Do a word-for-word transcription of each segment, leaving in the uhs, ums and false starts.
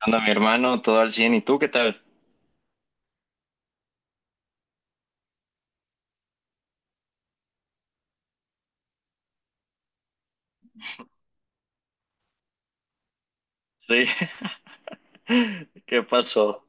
Anda, mi hermano, todo al cien. ¿Y tú qué tal? Sí. ¿Qué pasó?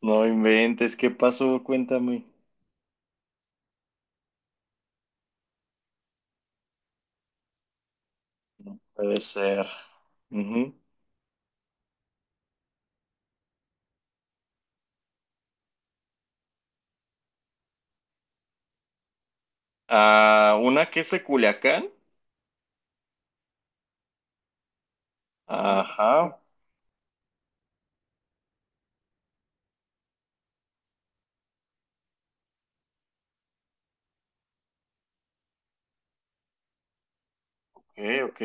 No inventes, ¿qué pasó? Cuéntame. Puede ser. Ujú. Ah, una que es de Culiacán. Ajá. Ok, ok.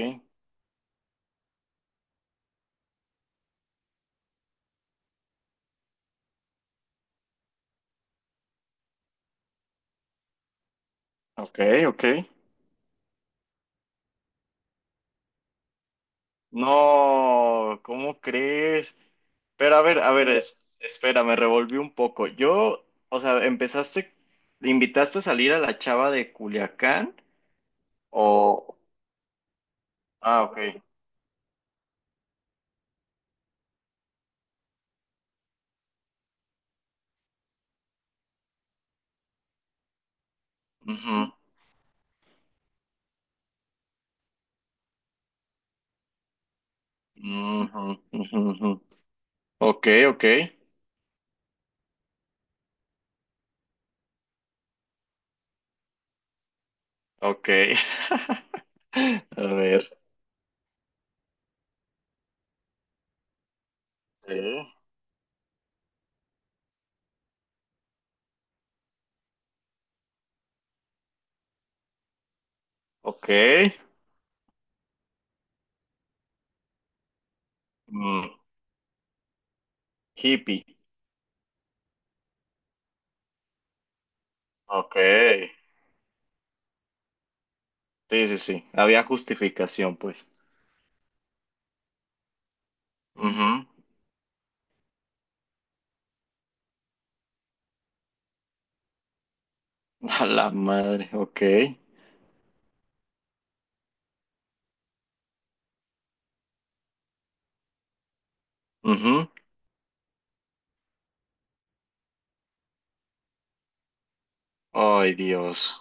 Ok, ok. No, ¿cómo crees? Pero a ver, a ver, es- espera, me revolví un poco. Yo, o sea, empezaste, ¿invitaste a salir a la chava de Culiacán? O. Ah, ok. Ujú, ujú, ujú. Ok, ok, ok. A ver. Sí. Ok. Mm, Hippie. Ok. Sí, sí, sí. Había justificación, pues. Ujú. A la madre. Ok. Ujú. Ay, Dios.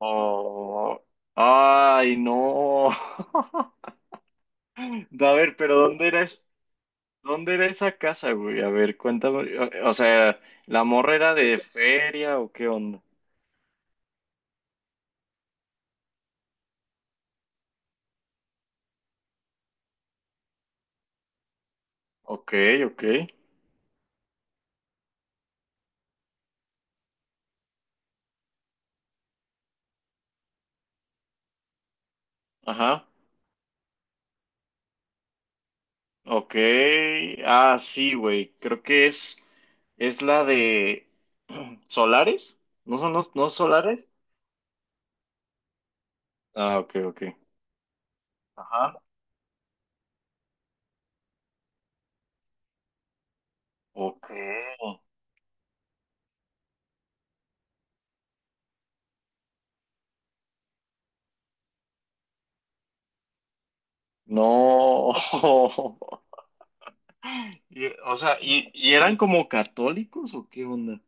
Oh. Ay, no. A ver, pero ¿dónde era, es- dónde era esa casa, güey? A ver, cuéntame. O o sea, ¿la morra era de feria o qué onda? Ok, ok. Ajá. Ok. Ah, sí, güey. Creo que es, es la de Solares. ¿No son los, no Solares? Ah, ok, ok. Ajá. Ok. No. Y- o sea, ¿y, y eran como católicos o qué onda?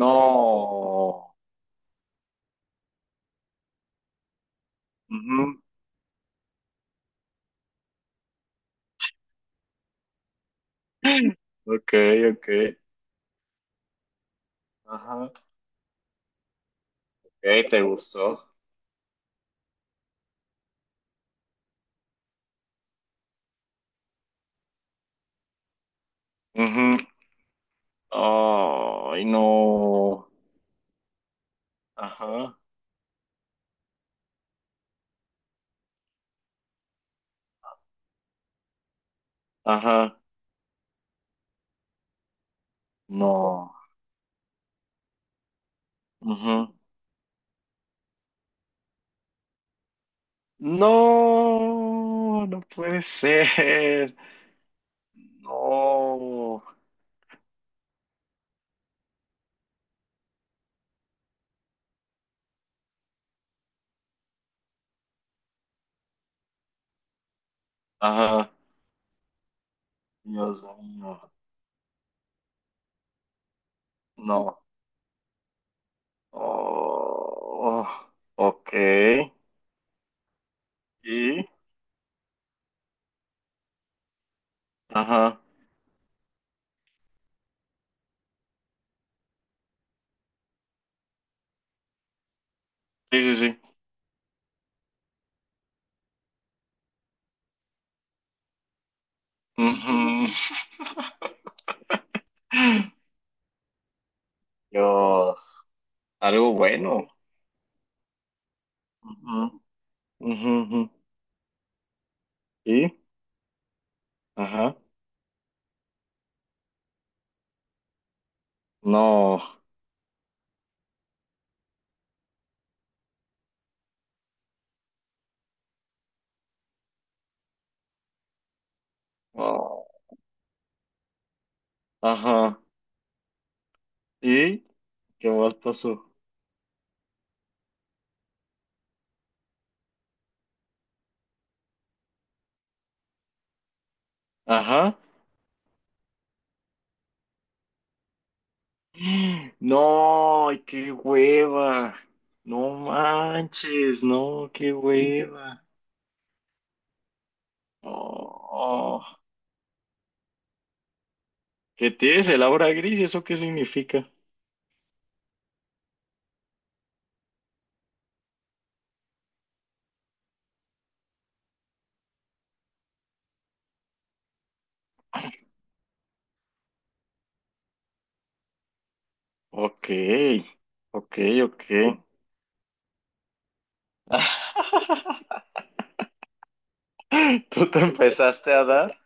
No. Ujú. Ok, ok. Ajá. Ok, ¿te gustó? Ujú. Ay, no. Ajá. Ajá, no. Ujú. No, no puede ser. No. Ajá, Dios mío. No. Oh, ok. Y, ajá. Sí, sí, sí. Ujú. Dios. Algo bueno. Ujú, ujú, ujú. Y, ajá. No. Oh, ajá. ¿Y qué más pasó? Ajá. No, ay, qué hueva. No manches, no, qué hueva. Oh, oh. ¿Qué tienes el aura gris? ¿Eso qué significa? Ok, ok, ok. ¿Tú te empezaste a dar?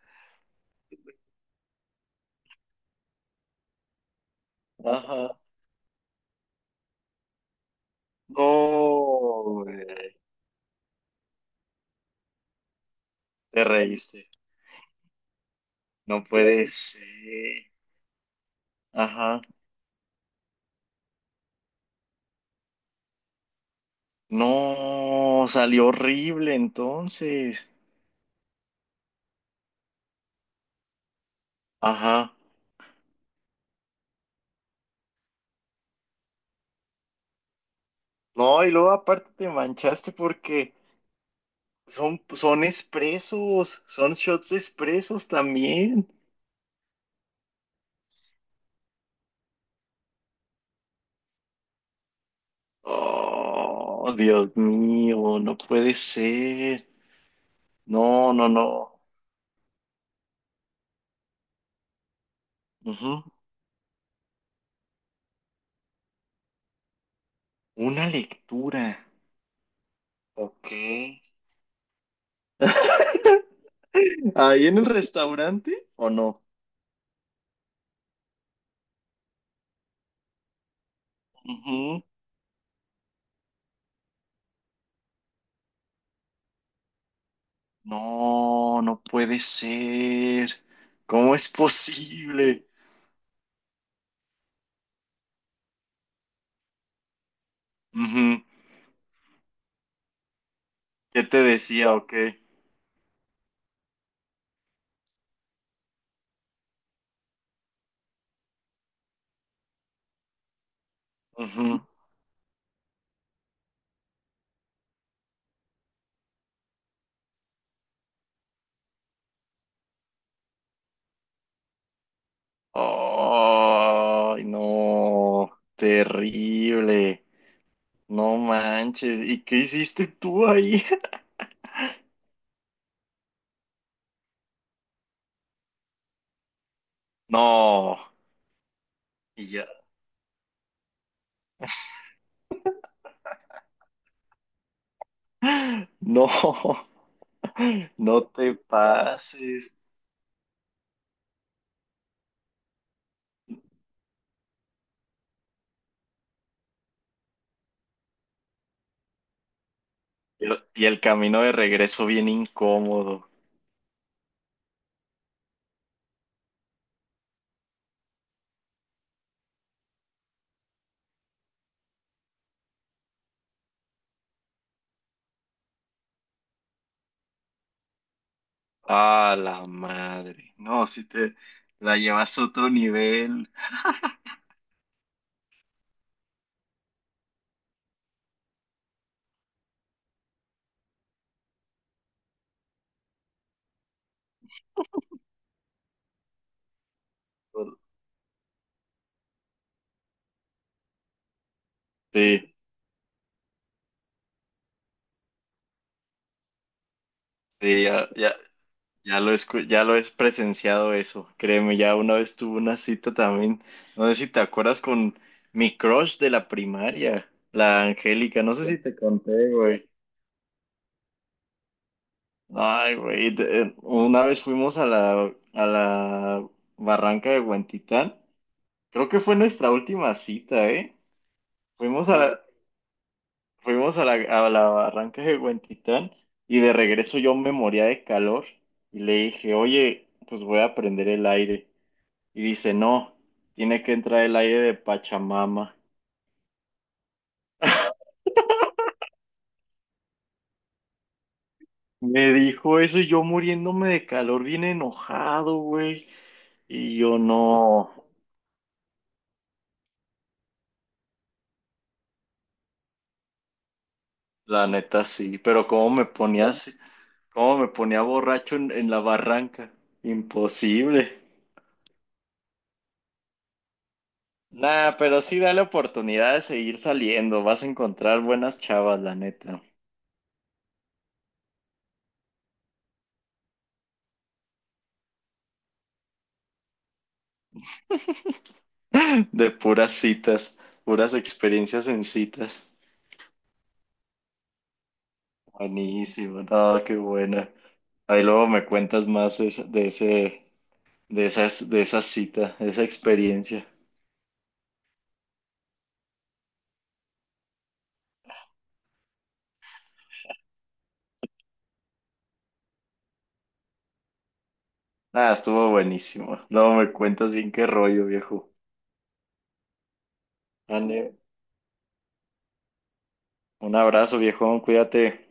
Ajá. No, güey, te reíste. No puede ser. Ajá. No, salió horrible entonces. Ajá. No, y luego aparte te manchaste porque. Son, son expresos, son shots de expresos también. Oh, Dios mío, no puede ser. No, no, no. Ujú. Una lectura. Ok. ¿Ahí en el restaurante o no? Ujú. No, no puede ser. ¿Cómo es posible? Ujú. ¿Qué te decía? Ok. Ujú. Ay, no. Terrible. No manches, ¿y qué hiciste tú ahí? No, y ya. No, no te pases. El- Y el camino de regreso bien incómodo. Ah, la madre. No, si te la llevas a otro nivel. Sí, sí, ya, ya, ya lo escu- ya lo he presenciado eso. Créeme, ya una vez tuve una cita también. No sé si te acuerdas con mi crush de la primaria, la Angélica. No sé si te conté, güey. Ay, güey, te- eh, una vez fuimos a la, a la barranca de Huentitán. Creo que fue nuestra última cita, ¿eh? Fuimos a la, fuimos a la, a la barranca de Huentitán y de regreso yo me moría de calor y le dije, oye, pues voy a prender el aire. Y dice, no, tiene que entrar el aire de Pachamama. Me dijo eso y yo muriéndome de calor, bien enojado, güey. Y yo no. La neta sí, pero cómo me ponías. ¿Cómo me ponía borracho en, en la barranca? Imposible. Nah, pero sí dale oportunidad de seguir saliendo. Vas a encontrar buenas chavas, la neta. De puras citas, puras experiencias en citas. Buenísimo, no, qué buena. Ahí luego me cuentas más de, esa- de ese, de esas, de esa cita, de esa experiencia. Ah, estuvo buenísimo. Luego me cuentas bien qué rollo, viejo. Ande, un abrazo, viejo, cuídate.